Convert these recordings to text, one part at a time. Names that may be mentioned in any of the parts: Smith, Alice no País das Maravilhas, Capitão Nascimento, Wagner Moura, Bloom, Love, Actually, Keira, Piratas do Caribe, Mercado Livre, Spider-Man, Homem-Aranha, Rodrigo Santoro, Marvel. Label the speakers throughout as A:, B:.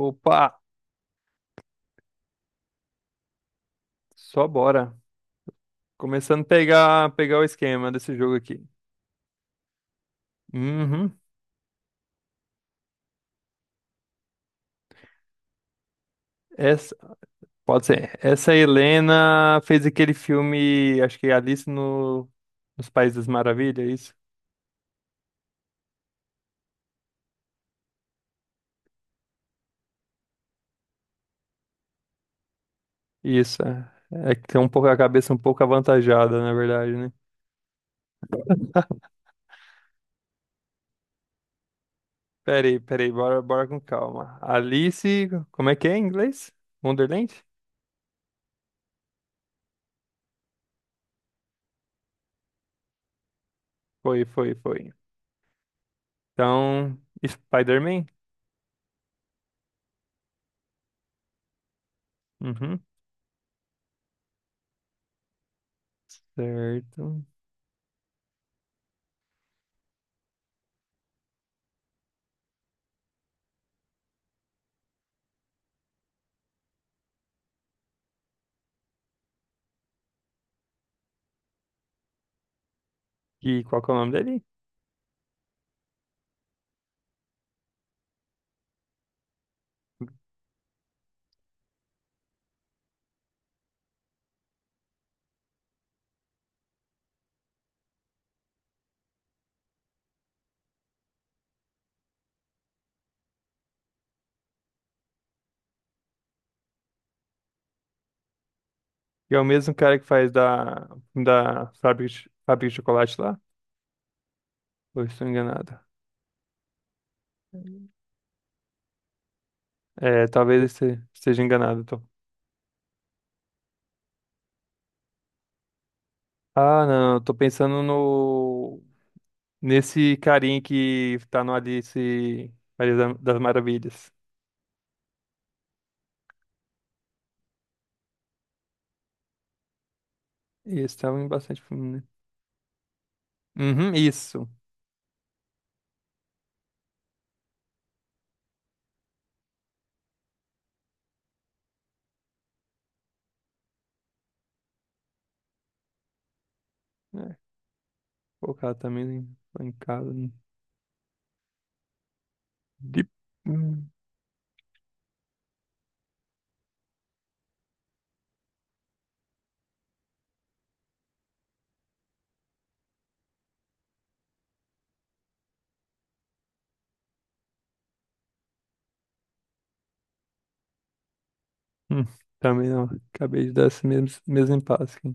A: Opa, só bora. Começando a pegar o esquema desse jogo aqui. Uhum. Essa, pode ser. Essa Helena fez aquele filme, acho que Alice no, nos Países das Maravilhas, é isso? Isso, é. É que tem um pouco a cabeça um pouco avantajada, na verdade, né? Peraí, bora com calma. Alice, como é que é em inglês? Wonderland? Foi. Então, Spider-Man? Uhum, certo. E qual que é o nome dele? E é o mesmo cara que faz da fábrica de chocolate lá? Ou eu estou enganado? É, talvez eu esteja enganado, então. Ah, não, eu tô pensando no nesse carinha que tá no das Maravilhas. Esse tava em bastante filme, né? Uhum, isso. É, colocar também lá em casa, né? De- Hum, hum, também não. Acabei de dar esse mesmo impasse aqui.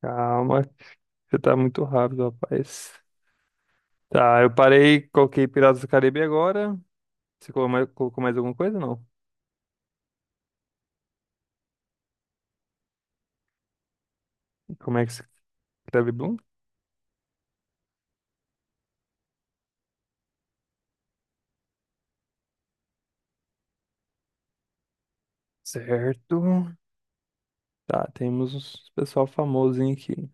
A: Calma, você tá muito rápido, rapaz. Tá, eu parei, coloquei Piratas do Caribe agora. Você colocou mais alguma coisa? Não. Como é que se escreve Bloom? Certo. Tá, temos uns pessoal famosinho aqui.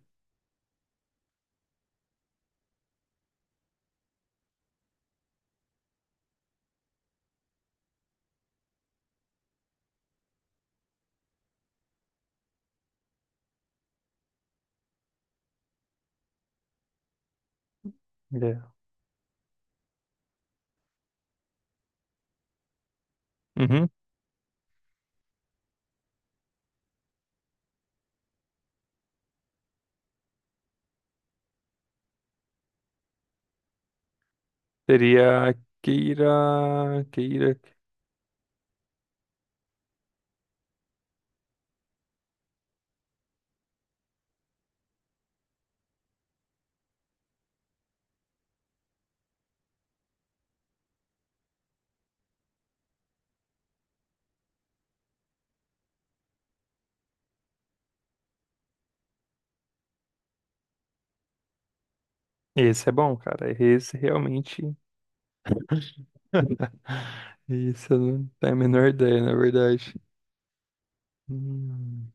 A: É. Uhum. Seria Keira. Esse é bom, cara. Esse realmente. Isso, eu não tenho a menor ideia, na verdade. Hum.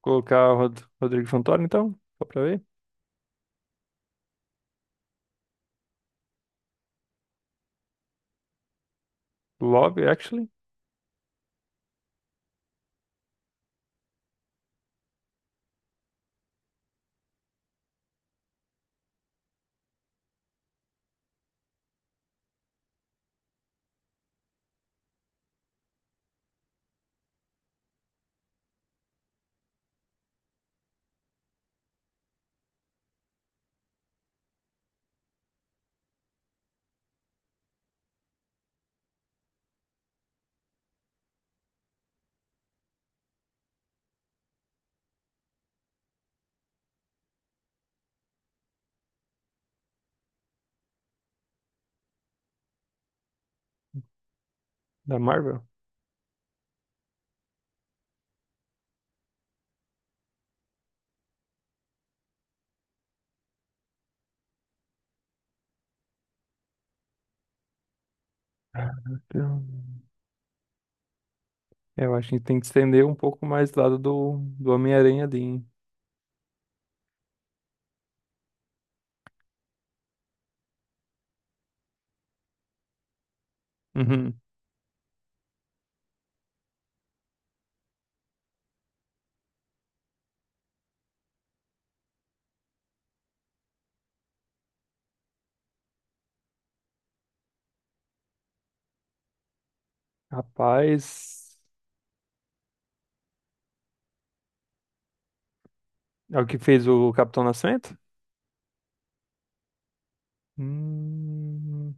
A: Colocar o Rodrigo Santoro, então? Só pra ver. Love, Actually, da Marvel. Ah, meu Deus. É, eu acho que tem que estender um pouco mais do Homem-Aranha ali, hein? Uhum. Rapaz, é o que fez o Capitão Nascimento? Hum,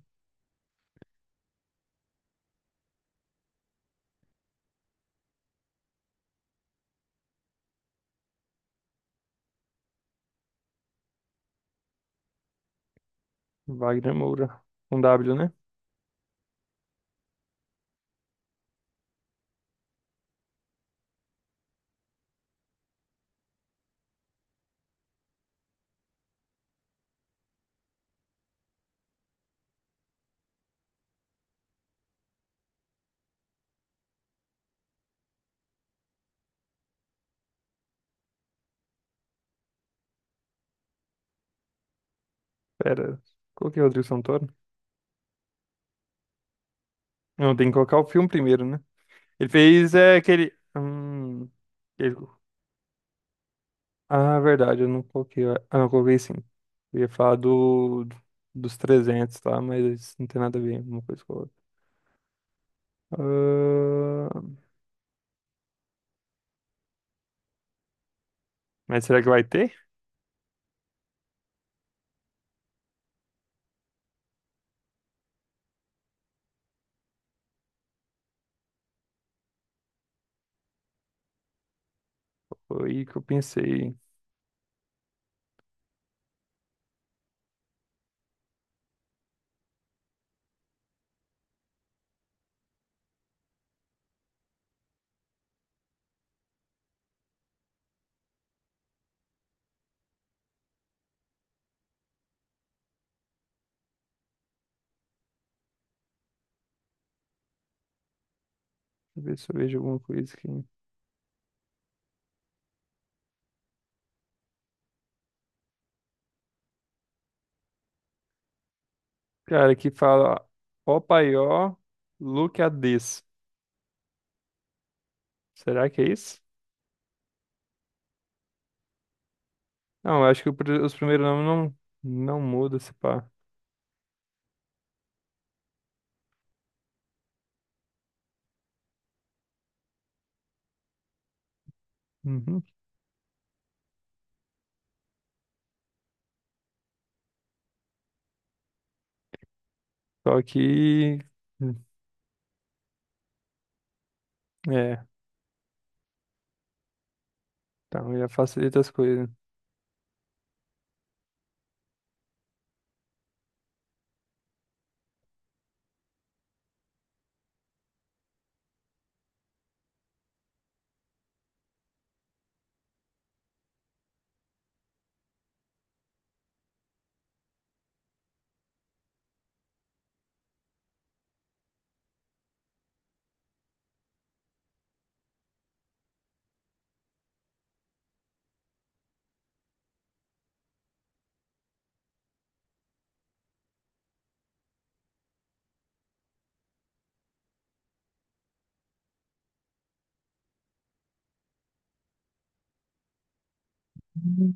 A: Wagner Moura. Com W, né? Pera, coloquei o Rodrigo Santoro. Não, tem que colocar o filme primeiro, né? Ele fez é, ele- Ah, verdade, eu não coloquei. Ah, não, coloquei sim. Eu ia falar dos 300, tá? Mas isso não tem nada a ver uma coisa com a outra. Ah, mas será que vai ter? Foi aí que eu pensei. Deixa eu ver se eu vejo alguma coisa aqui. Cara, que fala ó paió, look at this. Será que é isso? Não, eu acho que o os primeiros nomes não mudam, se pá. Uhum. Só que. É, então já facilita as coisas. Hum.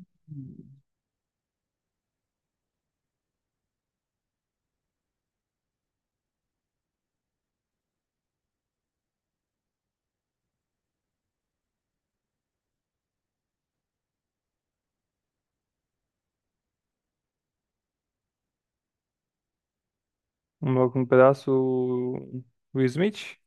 A: Um logo no pedaço, o Smith.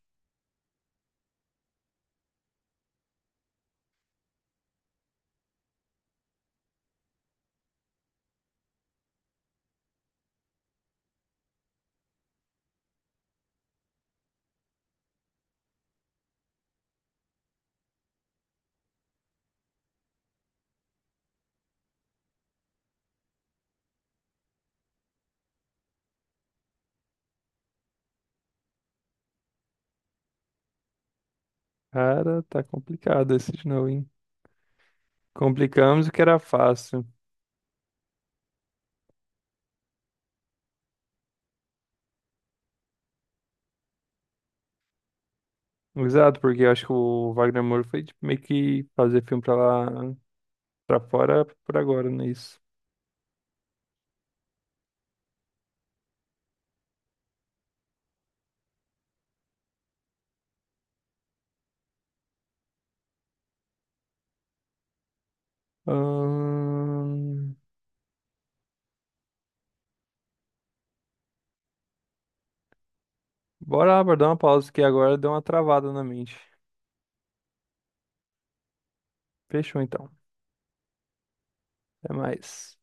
A: Cara, tá complicado esse de novo, hein? Complicamos o que era fácil. Exato, porque eu acho que o Wagner Moura foi tipo, meio que fazer filme pra lá. Pra fora por agora nisso. Ahn, Bora lá, bora dar uma pausa aqui agora, deu uma travada na mente. Fechou então. Até mais.